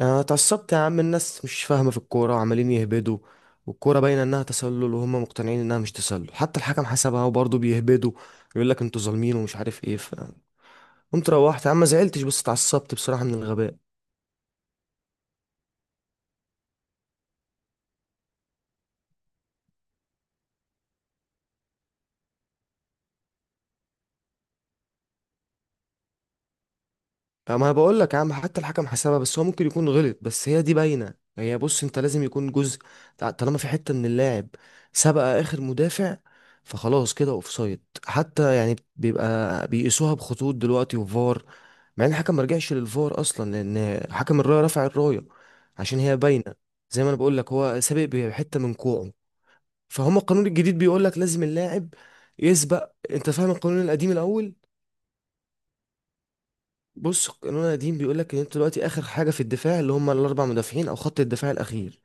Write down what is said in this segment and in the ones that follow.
انا اتعصبت يا عم. الناس مش فاهمه في الكوره وعمالين يهبدوا. والكوره باينه انها تسلل وهم مقتنعين انها مش تسلل، حتى الحكم حسبها وبرضه بيهبدوا. يقول لك انتوا ظالمين ومش عارف ايه. فقمت روحت يا عم، ما زعلتش بس اتعصبت بصراحه من الغباء. ما انا بقول لك يا عم، حتى الحكم حسبها، بس هو ممكن يكون غلط، بس هي دي باينه. هي بص، انت لازم يكون جزء طالما في حته من اللاعب سبق اخر مدافع، فخلاص كده اوفسايد. حتى يعني بيبقى بيقيسوها بخطوط دلوقتي وفار، مع ان الحكم ما رجعش للفار اصلا لان حكم الرايه رفع الرايه عشان هي باينه. زي ما انا بقول لك، هو سابق بحته من كوعه. فهم القانون الجديد بيقول لك لازم اللاعب يسبق. انت فاهم القانون القديم الاول؟ بص، قانون قديم بيقول لك ان انت دلوقتي اخر حاجه في الدفاع، اللي هم الاربع مدافعين او خط الدفاع الاخير.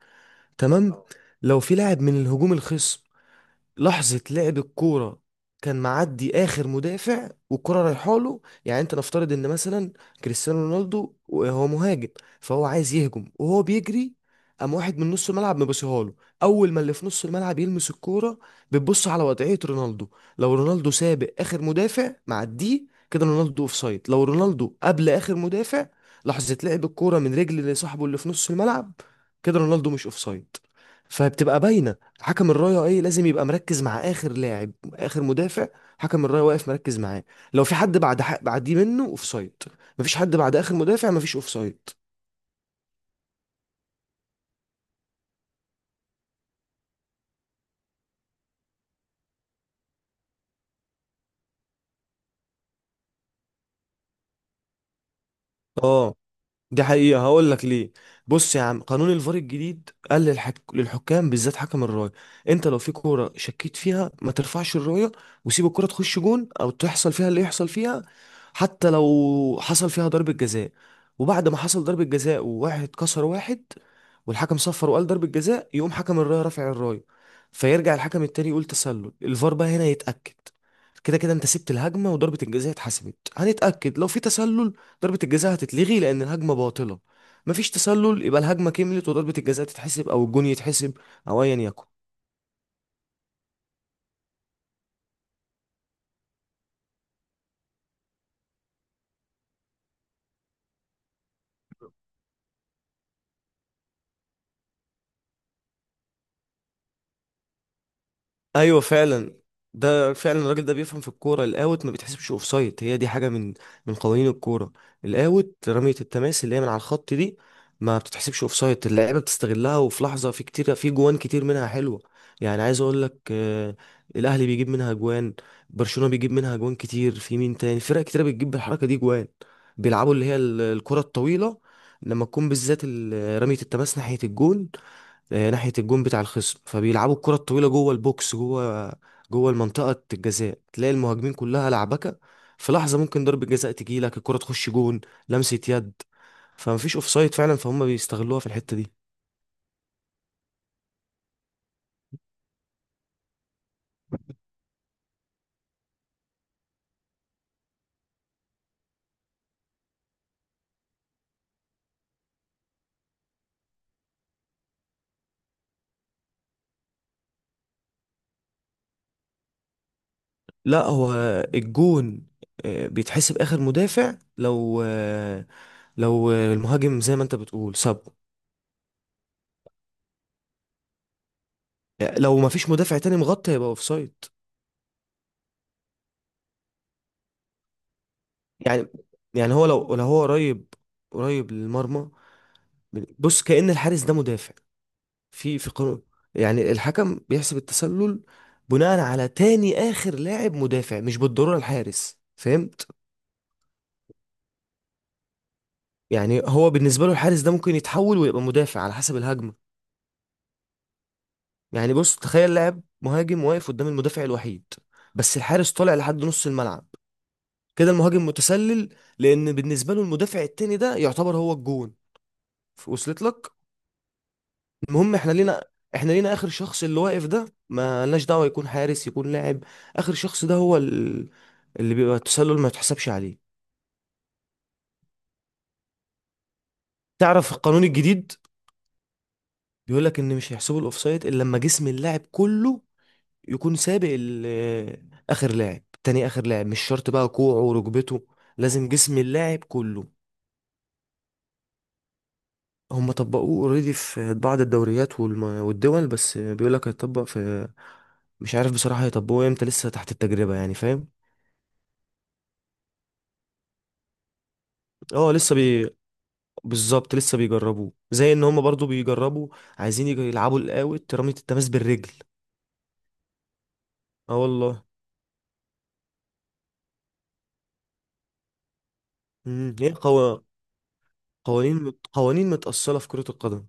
تمام. لو في لاعب من الهجوم الخصم، لحظة لعب الكورة، كان معدي آخر مدافع والكرة رايحة له، يعني أنت نفترض إن مثلا كريستيانو رونالدو هو مهاجم، فهو عايز يهجم وهو بيجري. قام واحد من نص الملعب مبصيها له. أول ما اللي في نص الملعب يلمس الكورة، بتبص على وضعية رونالدو. لو رونالدو سابق آخر مدافع معديه كده، رونالدو أوفسايد. لو رونالدو قبل آخر مدافع لحظة لعب الكورة من رجل صاحبه اللي في نص الملعب، كده رونالدو مش أوفسايد. فبتبقى باينة. حكم الرايه ايه؟ لازم يبقى مركز مع اخر لاعب، اخر مدافع. حكم الرايه واقف مركز معاه. لو في حد بعد حق بعديه منه، اوفسايد. مفيش حد بعد اخر مدافع، مفيش اوفسايد. اه، دي حقيقة. هقول لك ليه. بص يا عم، قانون الفار الجديد قال للحكام، بالذات حكم الراية، انت لو في كورة شكيت فيها ما ترفعش الراية، وسيب الكورة تخش جون او تحصل فيها اللي يحصل فيها. حتى لو حصل فيها ضربة جزاء. وبعد ما حصل ضربة جزاء وواحد كسر واحد والحكم صفر وقال ضربة جزاء، يقوم حكم الراية رافع الراية. فيرجع الحكم التاني يقول تسلل. الفار بقى هنا يتأكد. كده كده انت سبت الهجمة، وضربة الجزاء اتحسبت. هنتأكد، لو في تسلل ضربة الجزاء هتتلغي لأن الهجمة باطلة. مفيش تسلل، يبقى الهجمة كملت وضربة الجزاء تتحسب أو الجون يتحسب، أو أيا يكن. ايوه فعلا. ده فعلا الراجل ده بيفهم في الكوره. الاوت ما بيتحسبش اوف سايد، هي دي حاجه من قوانين الكوره. الاوت رميه التماس اللي هي من على الخط، دي ما بتتحسبش اوف سايد. اللعيبه بتستغلها، وفي لحظه، في كتير، في جوان كتير منها حلوه. يعني عايز اقول لك، الاهلي بيجيب منها جوان، برشلونه بيجيب منها جوان كتير، في مين تاني؟ فرق كتير بتجيب بالحركه دي جوان. بيلعبوا اللي هي الكره الطويله، لما تكون بالذات رميه التماس ناحيه الجون، ناحية الجون بتاع الخصم. فبيلعبوا الكرة الطويلة جوه البوكس، جوه المنطقة الجزاء، تلاقي المهاجمين كلها لعبكة. في لحظة ممكن ضربة جزاء تجيلك، الكرة تخش جون، لمسة يد، فمفيش اوفسايد فعلا. فهم بيستغلوها في الحتة دي. لا هو الجون بيتحسب اخر مدافع. لو المهاجم زي ما انت بتقول سابه. لو ما فيش مدافع تاني مغطي، هيبقى اوفسايد. يعني يعني هو لو هو قريب، قريب للمرمى. بص، كأن الحارس ده مدافع. في قانون، يعني الحكم بيحسب التسلل بناء على تاني آخر لاعب مدافع، مش بالضرورة الحارس. فهمت؟ يعني هو بالنسبة له الحارس ده ممكن يتحول ويبقى مدافع على حسب الهجمة. يعني بص، تخيل لاعب مهاجم واقف قدام المدافع الوحيد، بس الحارس طالع لحد نص الملعب. كده المهاجم متسلل، لأن بالنسبة له المدافع التاني ده يعتبر هو الجون. وصلت لك؟ المهم، احنا لينا اخر شخص اللي واقف ده، ما لناش دعوه يكون حارس يكون لاعب. اخر شخص ده هو اللي بيبقى التسلل ما يتحسبش عليه. تعرف القانون الجديد بيقول لك ان مش هيحسبوا الاوفسايد الا لما جسم اللاعب كله يكون سابق اخر لاعب. تاني اخر لاعب، مش شرط بقى كوعه وركبته، لازم جسم اللاعب كله. هم طبقوه اوريدي في بعض الدوريات والدول، بس بيقول لك هيطبق في، مش عارف بصراحة هيطبقوه امتى. لسه تحت التجربة يعني، فاهم؟ اه لسه. بالظبط، لسه بيجربوه، زي ان هم برضو بيجربوا عايزين يلعبوا القاوت رمية التماس بالرجل. اه والله. امم، هي قوانين متأصلة في كرة القدم.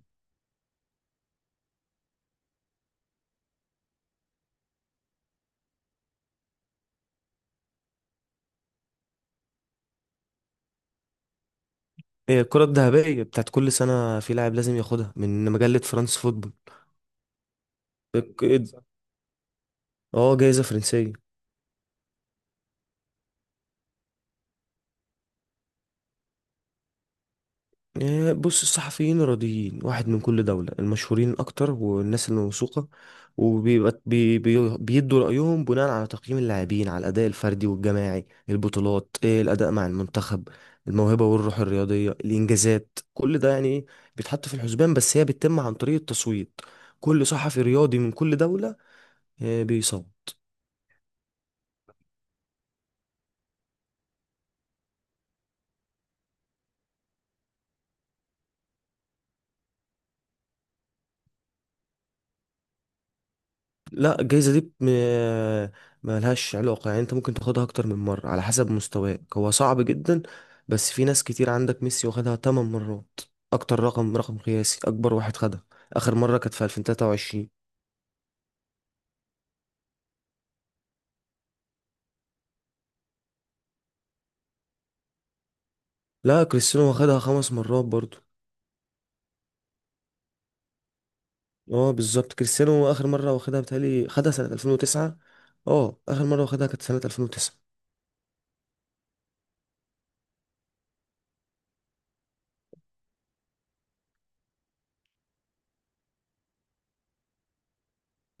هي الكرة الذهبية بتاعت كل سنة، في لاعب لازم ياخدها من مجلة فرانس فوتبول. الك- اه، جايزة فرنسية. بص، الصحفيين الرياضيين، واحد من كل دولة، المشهورين أكتر والناس الموثوقة، وبيبقى بي بي بيدوا رأيهم بناء على تقييم اللاعبين، على الأداء الفردي والجماعي، البطولات، الأداء مع المنتخب، الموهبة والروح الرياضية، الإنجازات. كل ده يعني إيه بيتحط في الحسبان. بس هي بتتم عن طريق التصويت، كل صحفي رياضي من كل دولة بيصوت. لا، الجايزة دي ملهاش علاقة. يعني انت ممكن تاخدها اكتر من مرة على حسب مستواك، هو صعب جدا. بس في ناس كتير، عندك ميسي واخدها 8 مرات، اكتر رقم قياسي، اكبر واحد خدها. اخر مرة كانت في 2023. لا كريستيانو واخدها خمس مرات برضو. اه بالظبط، كريستيانو اخر مرة واخدها بتهيألي خدها سنة 2009. اه، اخر مرة واخدها كانت سنة 2009.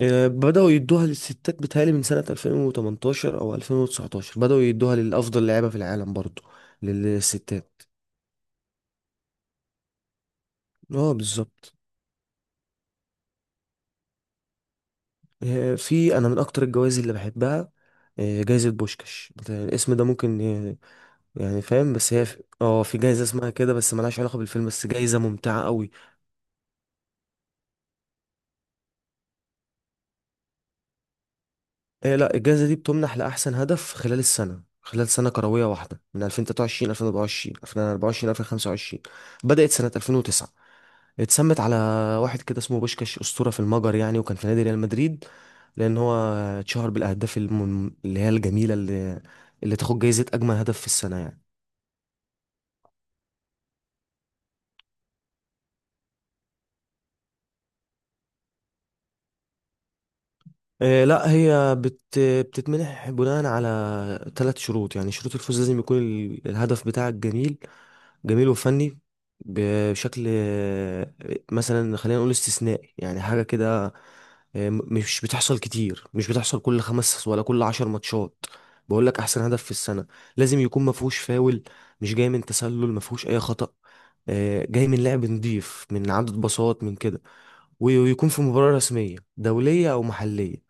بدأوا يدوها للستات بتهيألي من سنة 2018 أو 2019، بدأوا يدوها للأفضل لعيبة في العالم برضو، للستات. اه بالظبط. في، أنا من أكتر الجوائز اللي بحبها جايزة بوشكاش. أنت الاسم ده ممكن يعني فاهم، بس هي اه، في جايزة اسمها كده، بس ملهاش علاقة بالفيلم، بس جايزة ممتعة قوي. لا، الجايزة دي بتمنح لأحسن هدف خلال السنة، خلال سنة كروية واحدة، من 2023 2024، 2024 2025. بدأت سنة 2009، اتسمت على واحد كده اسمه بوشكاش، أسطورة في المجر يعني، وكان في نادي ريال مدريد، لأن هو اتشهر بالأهداف اللي هي الجميلة، اللي تاخد جايزة أجمل هدف في السنة يعني. إيه؟ لا، هي بتتمنح بناء على ثلاث شروط، يعني شروط الفوز. لازم يكون الهدف بتاعك جميل، جميل وفني، بشكل مثلا خلينا نقول استثنائي يعني، حاجة كده. مش بتحصل كتير، مش بتحصل كل خمس ولا كل عشر ماتشات. بقول لك احسن هدف في السنه، لازم يكون ما فيهوش فاول، مش جاي من تسلل، ما فيهوش اي خطأ، جاي من لعب نضيف، من عدد باصات، من كده. ويكون في مباراه رسميه دوليه او محليه.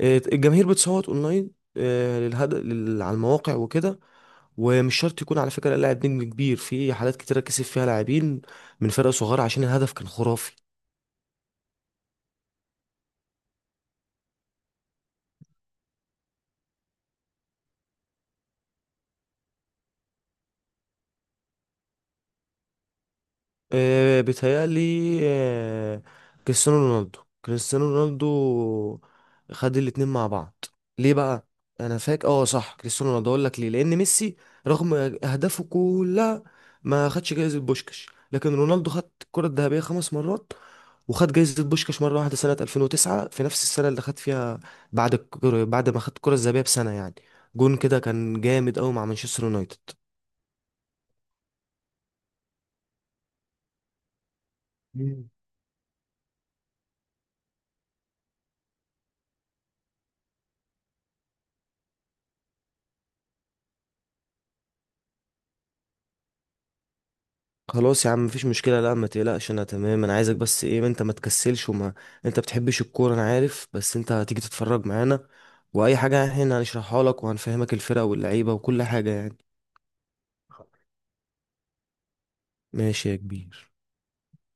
الجماهير بتصوت اونلاين للهدف، على المواقع وكده. ومش شرط يكون على فكره لاعب نجم كبير، في حالات كتيره كسب فيها لاعبين من فرق صغيره عشان الهدف كان خرافي. بيتهيألي كريستيانو رونالدو. كريستيانو رونالدو خد الاتنين مع بعض. ليه بقى؟ انا فاكر، اه صح، كريستيانو رونالدو. اقول لك ليه، لان ميسي رغم اهدافه كلها ما خدش جايزة بوشكاش، لكن رونالدو خد الكرة الذهبية خمس مرات، وخد جايزة بوشكاش مرة واحدة سنة 2009، في نفس السنة اللي خد فيها، بعد الكرة، بعد ما خد الكرة الذهبية بسنة يعني. جون كده كان جامد قوي مع مانشستر يونايتد. خلاص يا عم، مفيش مشكلة. لا ما تقلقش انا تمام. انا عايزك بس ايه، انت ما تكسلش، وما انت بتحبش الكورة انا عارف، بس انت هتيجي تتفرج معانا، واي حاجة احنا هنشرحها لك، وهنفهمك الفرق واللعيبة وكل حاجة يعني. ماشي يا كبير.